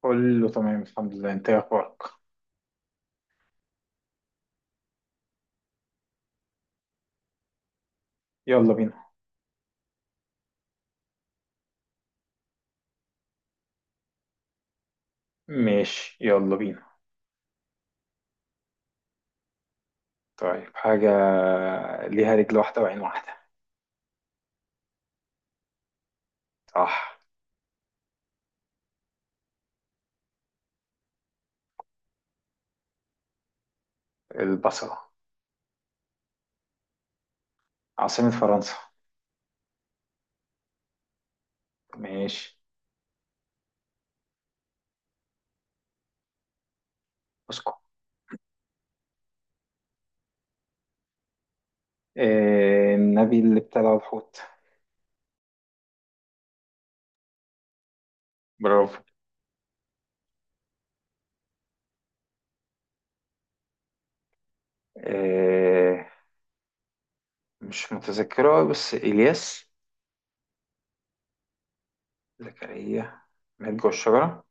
كله تمام، الحمد لله. انت ايه اخبارك؟ يلا بينا. ماشي، يلا بينا. طيب، حاجة ليها رجل واحدة وعين واحدة. صح. البصلة. عاصمة فرنسا؟ ماشي. موسكو. النبي اللي ابتلع الحوت. برافو. آه، مش متذكرة، بس إلياس. زكريا. مات جوه الشجرة.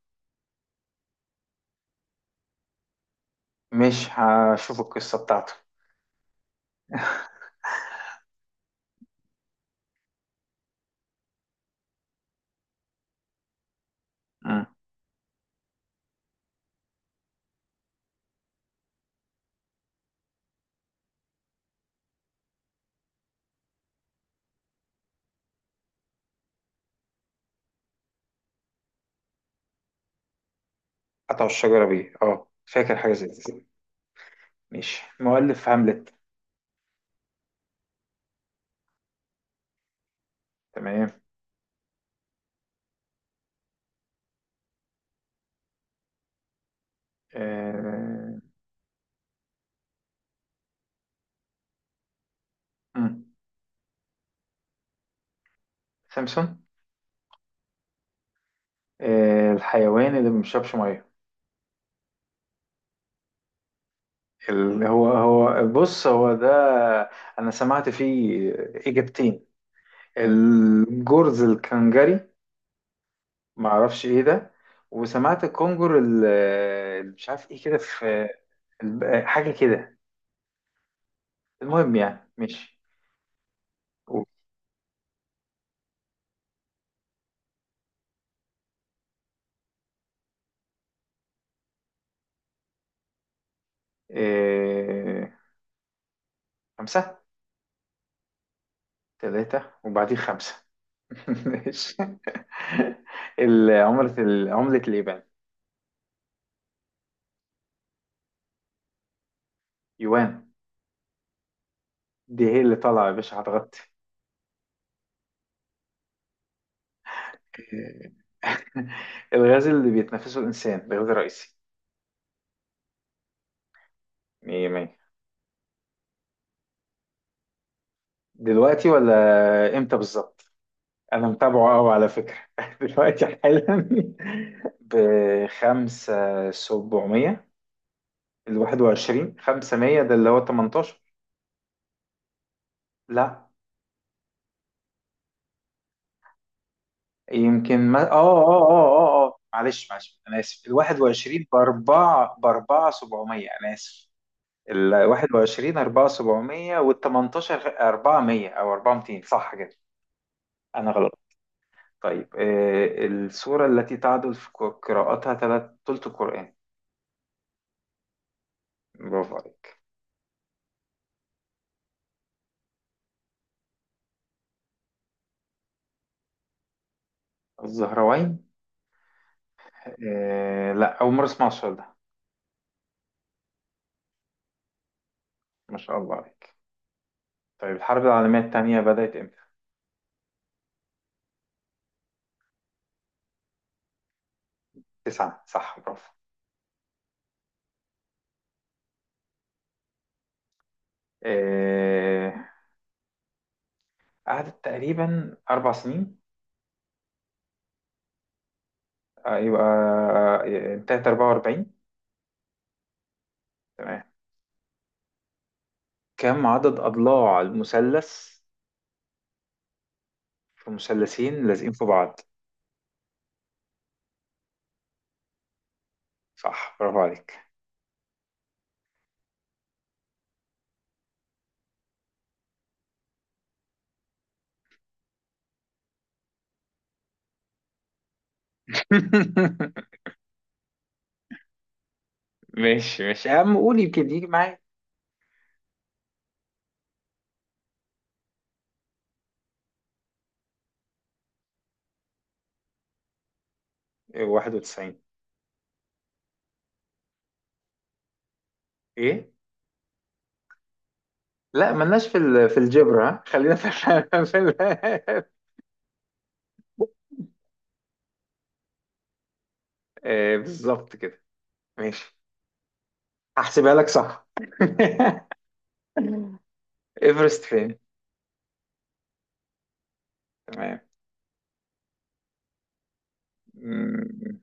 مش هشوف القصة بتاعته. مم. قطعوا الشجرة بيه، اه، فاكر حاجة زي دي. ماشي. مؤلف هاملت؟ تمام. آه. مم. سامسون. آه، الحيوان اللي ما بيشربش ميه؟ اللي هو بص، هو ده. انا سمعت فيه اجابتين. الجرز الكنجري. ما اعرفش ايه ده. وسمعت الكونجر اللي مش عارف ايه كده، في حاجه كده. المهم يعني، ماشي. و- آه، خمسه. ثلاثه وبعدين خمسه. ماشي. عمله اليابان؟ يوان. دي هي اللي طالعة يا باشا، هتغطي. الغاز اللي بيتنفسه الإنسان، الغاز الرئيسي؟ مية مية. دلوقتي ولا إمتى بالظبط؟ أنا متابعه أوي على فكرة، دلوقتي حالا. بخمسة، سبعمية. الواحد وعشرين خمسة مية، ده اللي هو تمنتاشر. لا. يمكن، ما معلش معلش، أنا آسف. الواحد وعشرين بأربعة سبعمية، أنا آسف. ال 21 4 700 وال 18 400 او 400، صح كده. انا غلط. طيب، السورة التي تعدل في قراءتها ثلث القرآن. برافو عليك. الزهراوين. آه لا، اول مرة اسمع السؤال ده. ما شاء الله عليك. طيب، الحرب العالمية الثانية بدأت امتى؟ تسعة، صح، برافو. آه قعدت تقريبا أربع سنين. يبقى. انتهت 44. تمام. كم عدد أضلاع المثلث في مثلثين لازقين في بعض؟ صح، برافو عليك. ماشي ماشي يا عم، قول، يمكن يجي معايا. 91. ايه؟ لا، ملناش في في الجبر، ها، خلينا في في بالظبط كده. ماشي. هحسبها لك، صح. ايفرست فين؟ تمام. مم.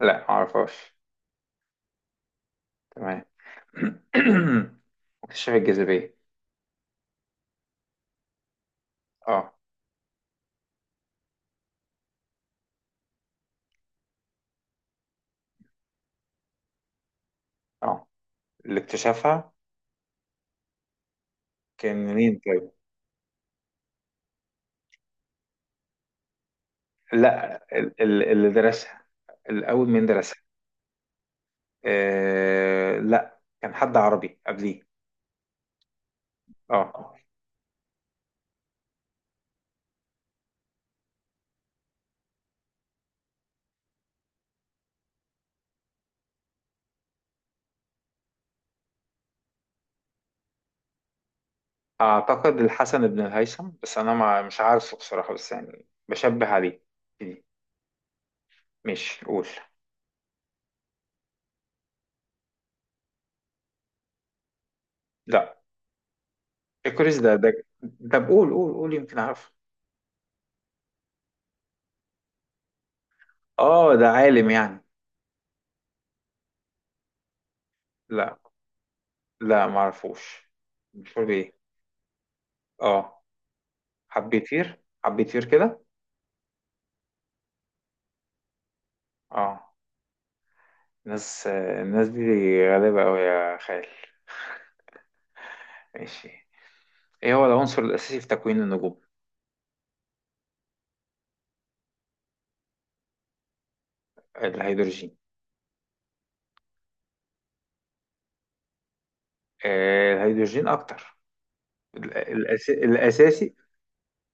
لا، معرفهاش. تمام. اكتشاف الجاذبية؟ اه. اه، اللي اكتشفها كان مين؟ لا، اللي درسها، الأول من درسها. آه لا، كان حد عربي قبليه. اه، أعتقد الحسن بن الهيثم، بس أنا ما مش عارفه بصراحة، بس يعني بشبه عليه. مش قول. لا. إكريس، ده. طب قول قول قول، يمكن أعرفه. اه، ده عالم يعني؟ لا. لا، ما أعرفوش. مشهور بإيه؟ اه، حبيتير حبيتير كده. اه. الناس الناس دي غريبة أوي يا خال. ماشي. ايه هو العنصر الاساسي في تكوين النجوم؟ الهيدروجين. الهيدروجين اكتر. الاساسي.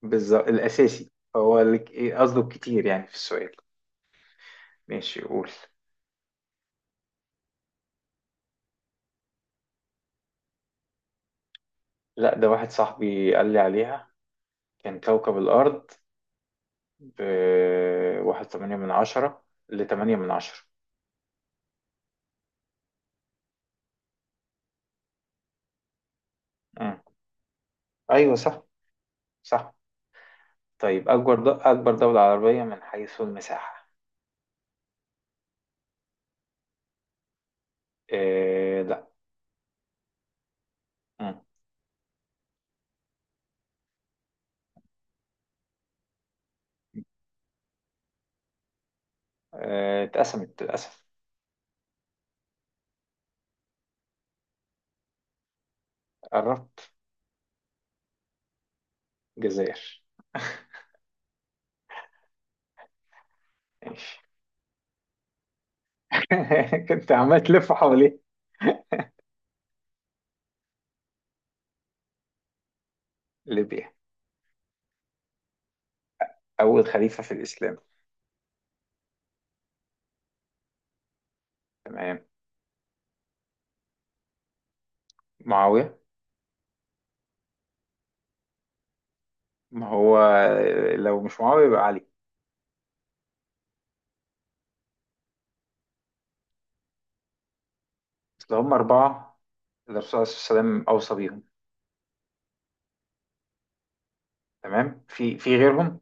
بالظبط، الاساسي. هو اللي إيه قصده كتير يعني في السؤال؟ ماشي، قول. لا، ده واحد صاحبي قال لي عليها. كان كوكب الارض. ب واحد تمانية من عشرة، لتمانية من عشرة. مم. ايوه صح. صح. طيب، اكبر دولة عربية من حيث المساحة؟ آه لا. مم. اتقسمت للاسف. قربت. الجزائر. كنت عمال تلف حواليه. ليبيا. أول خليفة في الإسلام؟ تمام. معاوية. ما هو، لو مش معاوية يبقى علي. أصل هم أربعة، اللي الرسول صلى الله عليه وسلم أوصى بيهم. تمام، في غيرهم.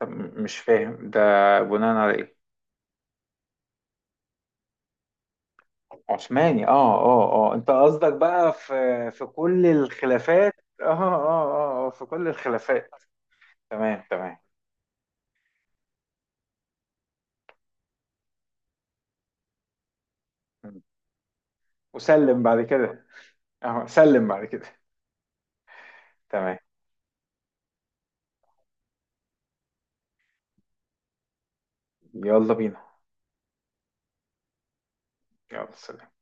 طب، مش فاهم ده. بناء على إيه؟ عثماني، اه اه اه، انت قصدك بقى في كل الخلافات. اه اه اه، في كل الخلافات. تمام تمام. وسلم بعد كده. اه، سلم بعد كده. تمام. يلا بينا. يلا، سلام.